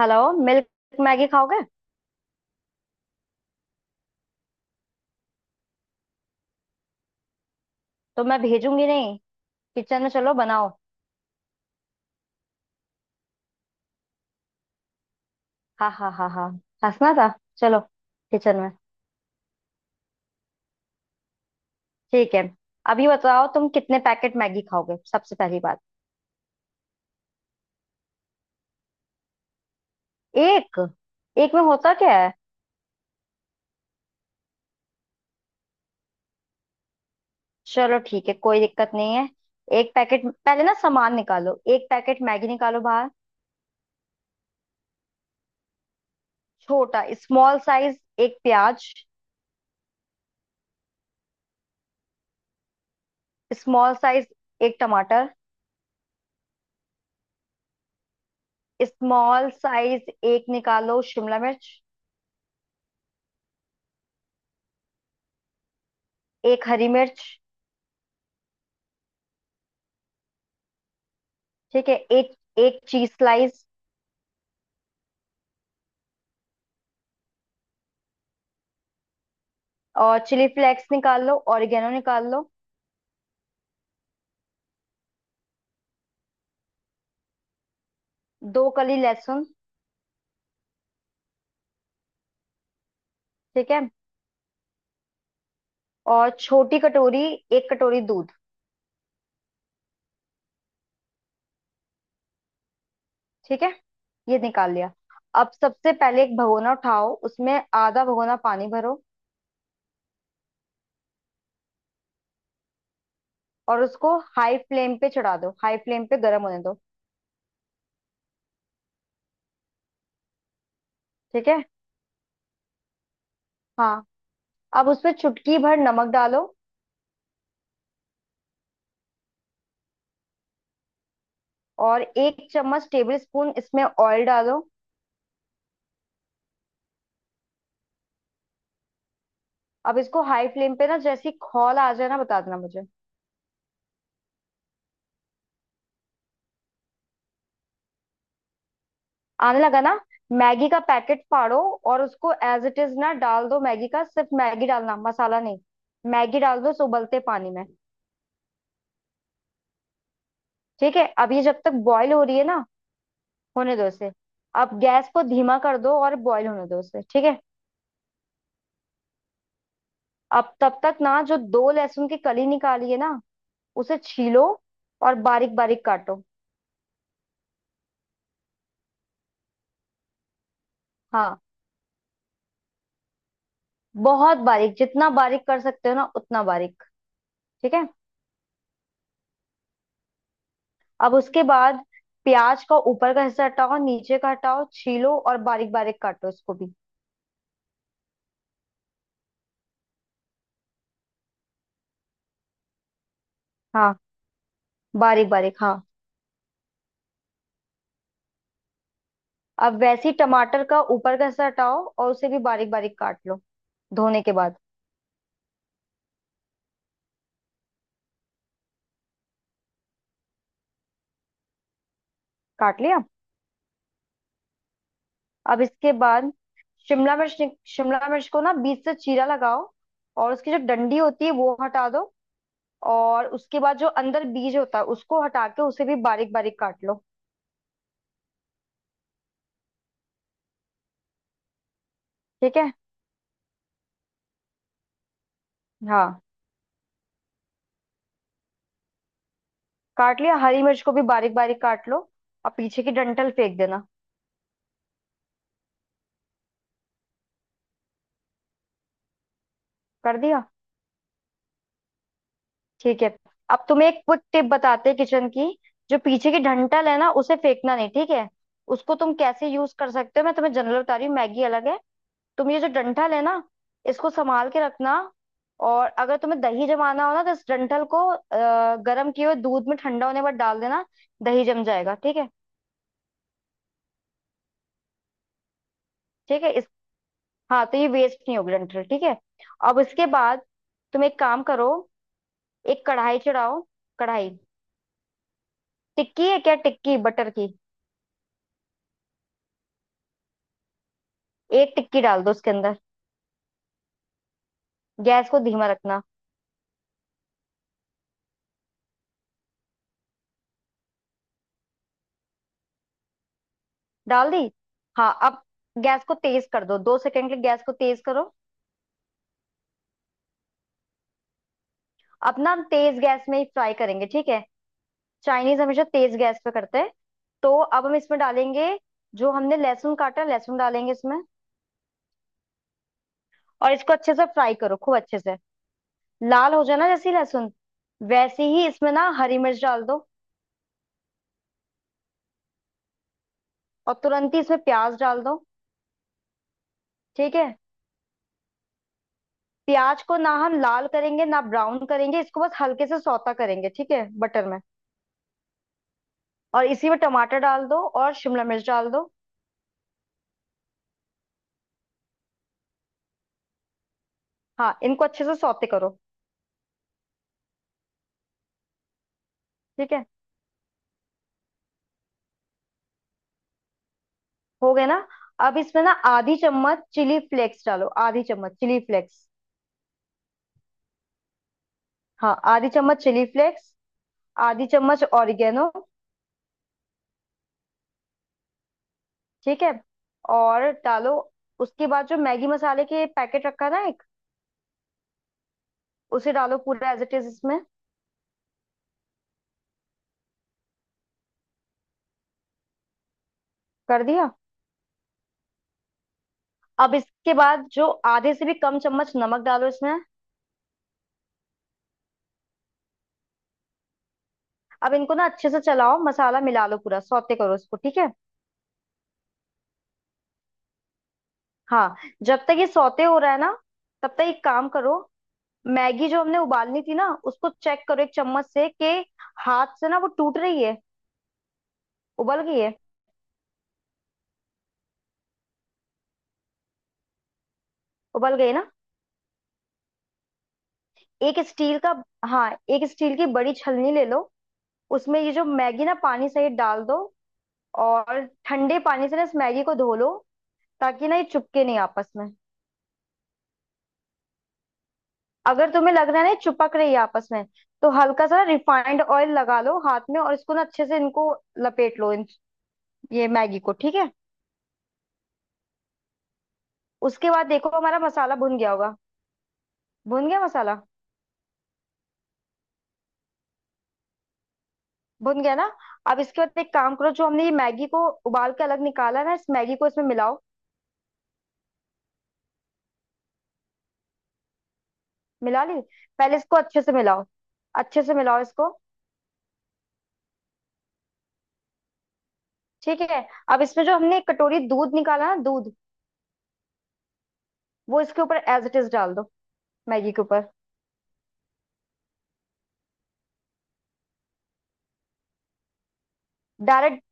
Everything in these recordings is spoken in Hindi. हेलो। मिल्क मैगी खाओगे? तो मैं भेजूंगी नहीं। किचन में चलो बनाओ। हाँ हाँ हाँ हाँ, हंसना था। चलो किचन में। ठीक है, अभी बताओ तुम कितने पैकेट मैगी खाओगे, सबसे पहली बात। एक? एक में होता क्या है? चलो ठीक है, कोई दिक्कत नहीं है। एक पैकेट, पहले ना सामान निकालो, एक पैकेट मैगी निकालो बाहर। छोटा स्मॉल साइज एक प्याज। स्मॉल साइज एक टमाटर। स्मॉल साइज एक निकालो शिमला मिर्च। एक हरी मिर्च। ठीक है, एक एक चीज स्लाइस। और चिली फ्लेक्स निकाल लो, ऑरिगेनो निकाल लो। दो कली लहसुन। ठीक है, और छोटी कटोरी, एक कटोरी दूध। ठीक है, ये निकाल लिया। अब सबसे पहले एक भगोना उठाओ, उसमें आधा भगोना पानी भरो। और उसको हाई फ्लेम पे चढ़ा दो, हाई फ्लेम पे गर्म होने दो। ठीक है? हाँ। अब उसमें चुटकी भर नमक डालो। और एक चम्मच टेबल स्पून इसमें ऑयल डालो। अब इसको हाई फ्लेम पे ना, जैसी खौल आ जाए ना बता देना मुझे। आने लगा ना? मैगी का पैकेट फाड़ो। और उसको एज इट इज ना डाल दो। मैगी का सिर्फ मैगी डालना, मसाला नहीं। मैगी डाल दो इस उबलते पानी में। ठीक है, अब ये जब तक बॉईल हो रही है ना, होने दो इसे। अब गैस को धीमा कर दो और बॉईल होने दो इसे, ठीक है? अब तब तक ना, जो दो लहसुन की कली निकाली है ना, उसे छीलो और बारीक बारीक काटो। हाँ, बहुत बारीक, जितना बारीक कर सकते हो ना उतना बारीक। ठीक है। अब उसके बाद प्याज का ऊपर का हिस्सा हटाओ, नीचे का हटाओ, छीलो और बारीक बारीक काटो उसको भी। हाँ, बारीक बारीक हाँ। अब वैसे ही टमाटर का ऊपर का हिस्सा हटाओ और उसे भी बारीक बारीक काट लो, धोने के बाद। काट लिया। अब इसके बाद शिमला मिर्च को ना बीच से चीरा लगाओ, और उसकी जो डंडी होती है वो हटा दो। और उसके बाद जो अंदर बीज होता है उसको हटा के उसे भी बारीक बारीक काट लो। ठीक है। हाँ, काट लिया। हरी मिर्च को भी बारीक बारीक काट लो, और पीछे की डंठल फेंक देना। कर दिया? ठीक है। अब तुम्हें एक क्विक टिप बताते हैं किचन की। जो पीछे की डंठल है ना, उसे फेंकना नहीं, ठीक है। उसको तुम कैसे यूज कर सकते हो, मैं तुम्हें जनरल बता रही हूँ, मैगी अलग है। तुम ये जो डंठल है ना, इसको संभाल के रखना। और अगर तुम्हें दही जमाना हो ना, तो इस डंठल को गर्म किए हुए दूध में ठंडा होने पर डाल देना। दही जम जाएगा, ठीक है। ठीक है इस, हाँ, तो ये वेस्ट नहीं होगी डंठल, ठीक है। अब इसके बाद तुम एक काम करो, एक कढ़ाई चढ़ाओ। कढ़ाई। टिक्की है क्या? टिक्की बटर की। एक टिक्की डाल दो उसके अंदर। गैस को धीमा रखना। डाल दी? हाँ, अब गैस को तेज कर दो, दो सेकंड के लिए गैस को तेज करो। अपना हम तेज गैस में ही फ्राई करेंगे, ठीक है। चाइनीज हमेशा तेज गैस पे करते हैं। तो अब हम इसमें डालेंगे जो हमने लहसुन काटा, लहसुन डालेंगे इसमें। और इसको अच्छे से फ्राई करो, खूब अच्छे से। लाल हो जाए ना जैसे ही लहसुन, वैसे ही इसमें ना हरी मिर्च डाल दो। और तुरंत ही इसमें प्याज डाल दो। ठीक है? प्याज को ना हम लाल करेंगे ना ब्राउन करेंगे, इसको बस हल्के से सौता करेंगे, ठीक है, बटर में। और इसी में टमाटर डाल दो और शिमला मिर्च डाल दो। हाँ, इनको अच्छे से सौते करो। ठीक है, हो गए ना? अब इसमें ना आधी चम्मच चिली फ्लेक्स डालो, आधी चम्मच चिली फ्लेक्स। हाँ, आधी चम्मच चिली फ्लेक्स, आधी चम्मच ऑरिगेनो। ठीक है, और डालो। उसके बाद जो मैगी मसाले के पैकेट रखा ना एक, उसे डालो पूरा एज इट इज इसमें। कर दिया? अब इसके बाद जो आधे से भी कम चम्मच नमक डालो इसमें। अब इनको ना अच्छे से चलाओ, मसाला मिला लो पूरा, सौते करो इसको, ठीक है। हाँ, जब तक ये सौते हो रहा है ना, तब तक एक काम करो, मैगी जो हमने उबालनी थी ना, उसको चेक करो एक चम्मच से कि हाथ से ना वो टूट रही है, उबल गई है। उबल गई है ना? एक स्टील का, हाँ एक स्टील की बड़ी छलनी ले लो। उसमें ये जो मैगी ना पानी सहित डाल दो। और ठंडे पानी से ना इस मैगी को धो लो, ताकि ना ये चिपके नहीं आपस में। अगर तुम्हें लग रहा है ना ये चिपक रही है आपस में, तो हल्का सा रिफाइंड ऑयल लगा लो हाथ में और इसको ना अच्छे से, इनको लपेट लो इन, ये मैगी को, ठीक है। उसके बाद देखो हमारा मसाला भुन गया होगा। भुन गया मसाला, भुन गया ना? अब इसके बाद एक काम करो, जो हमने ये मैगी को उबाल के अलग निकाला है ना, इस मैगी को इसमें मिलाओ। मिला ली? पहले इसको अच्छे से मिलाओ, अच्छे से मिलाओ इसको। ठीक है। अब इसमें जो हमने एक कटोरी दूध निकाला ना, दूध, वो इसके ऊपर एज इट इज डाल दो, मैगी के ऊपर। डायरेक्ट,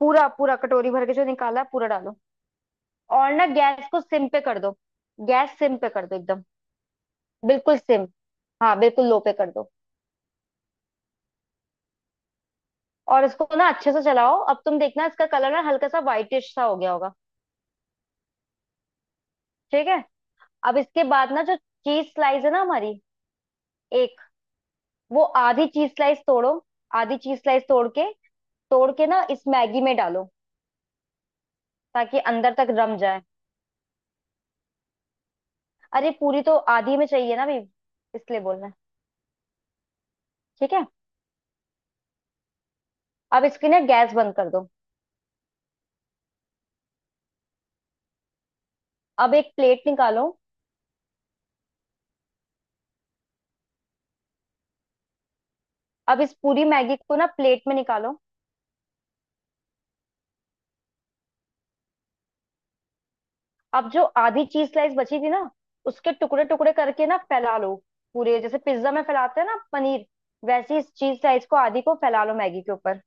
पूरा, पूरा कटोरी भर के जो निकाला है पूरा डालो। और ना गैस को सिम पे कर दो, गैस सिम पे कर दो एकदम, बिल्कुल सिम, हाँ बिल्कुल लो पे कर दो। और इसको ना अच्छे से चलाओ, अब तुम देखना इसका कलर ना हल्का सा व्हाइटिश सा हो गया होगा। ठीक है। अब इसके बाद ना जो चीज स्लाइस है ना हमारी, एक, वो आधी चीज स्लाइस तोड़ो, आधी चीज स्लाइस तोड़ के, तोड़ के ना इस मैगी में डालो, ताकि अंदर तक रम जाए। अरे पूरी तो आधी में चाहिए ना अभी, इसलिए बोल रहे हैं। ठीक है। अब इसकी ना गैस बंद कर दो। अब एक प्लेट निकालो। अब इस पूरी मैगी को ना प्लेट में निकालो। अब जो आधी चीज स्लाइस बची थी ना, उसके टुकड़े टुकड़े करके ना फैला लो पूरे, जैसे पिज्जा में फैलाते हैं ना पनीर, वैसे इस चीज स्लाइस को आधी को फैला लो मैगी के ऊपर।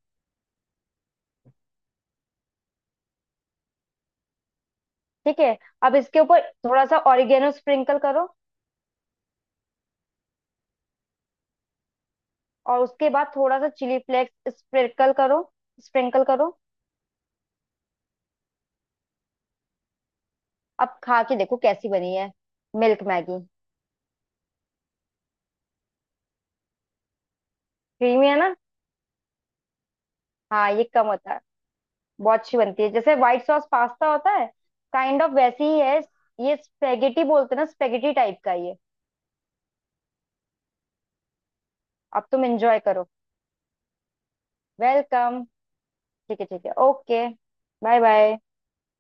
ठीक है। अब इसके ऊपर थोड़ा सा ऑरिगेनो स्प्रिंकल करो। और उसके बाद थोड़ा सा चिली फ्लेक्स स्प्रिंकल करो, स्प्रिंकल करो। अब खा के देखो कैसी बनी है, मिल्क मैगी। क्रीमी है ना? हाँ ये कम होता है। बहुत अच्छी बनती है, जैसे व्हाइट सॉस पास्ता होता है, काइंड ऑफ वैसी ही है। ये स्पेगेटी बोलते हैं ना, स्पेगेटी टाइप का ये। अब तुम एंजॉय करो। वेलकम। ठीक है ओके, बाय बाय।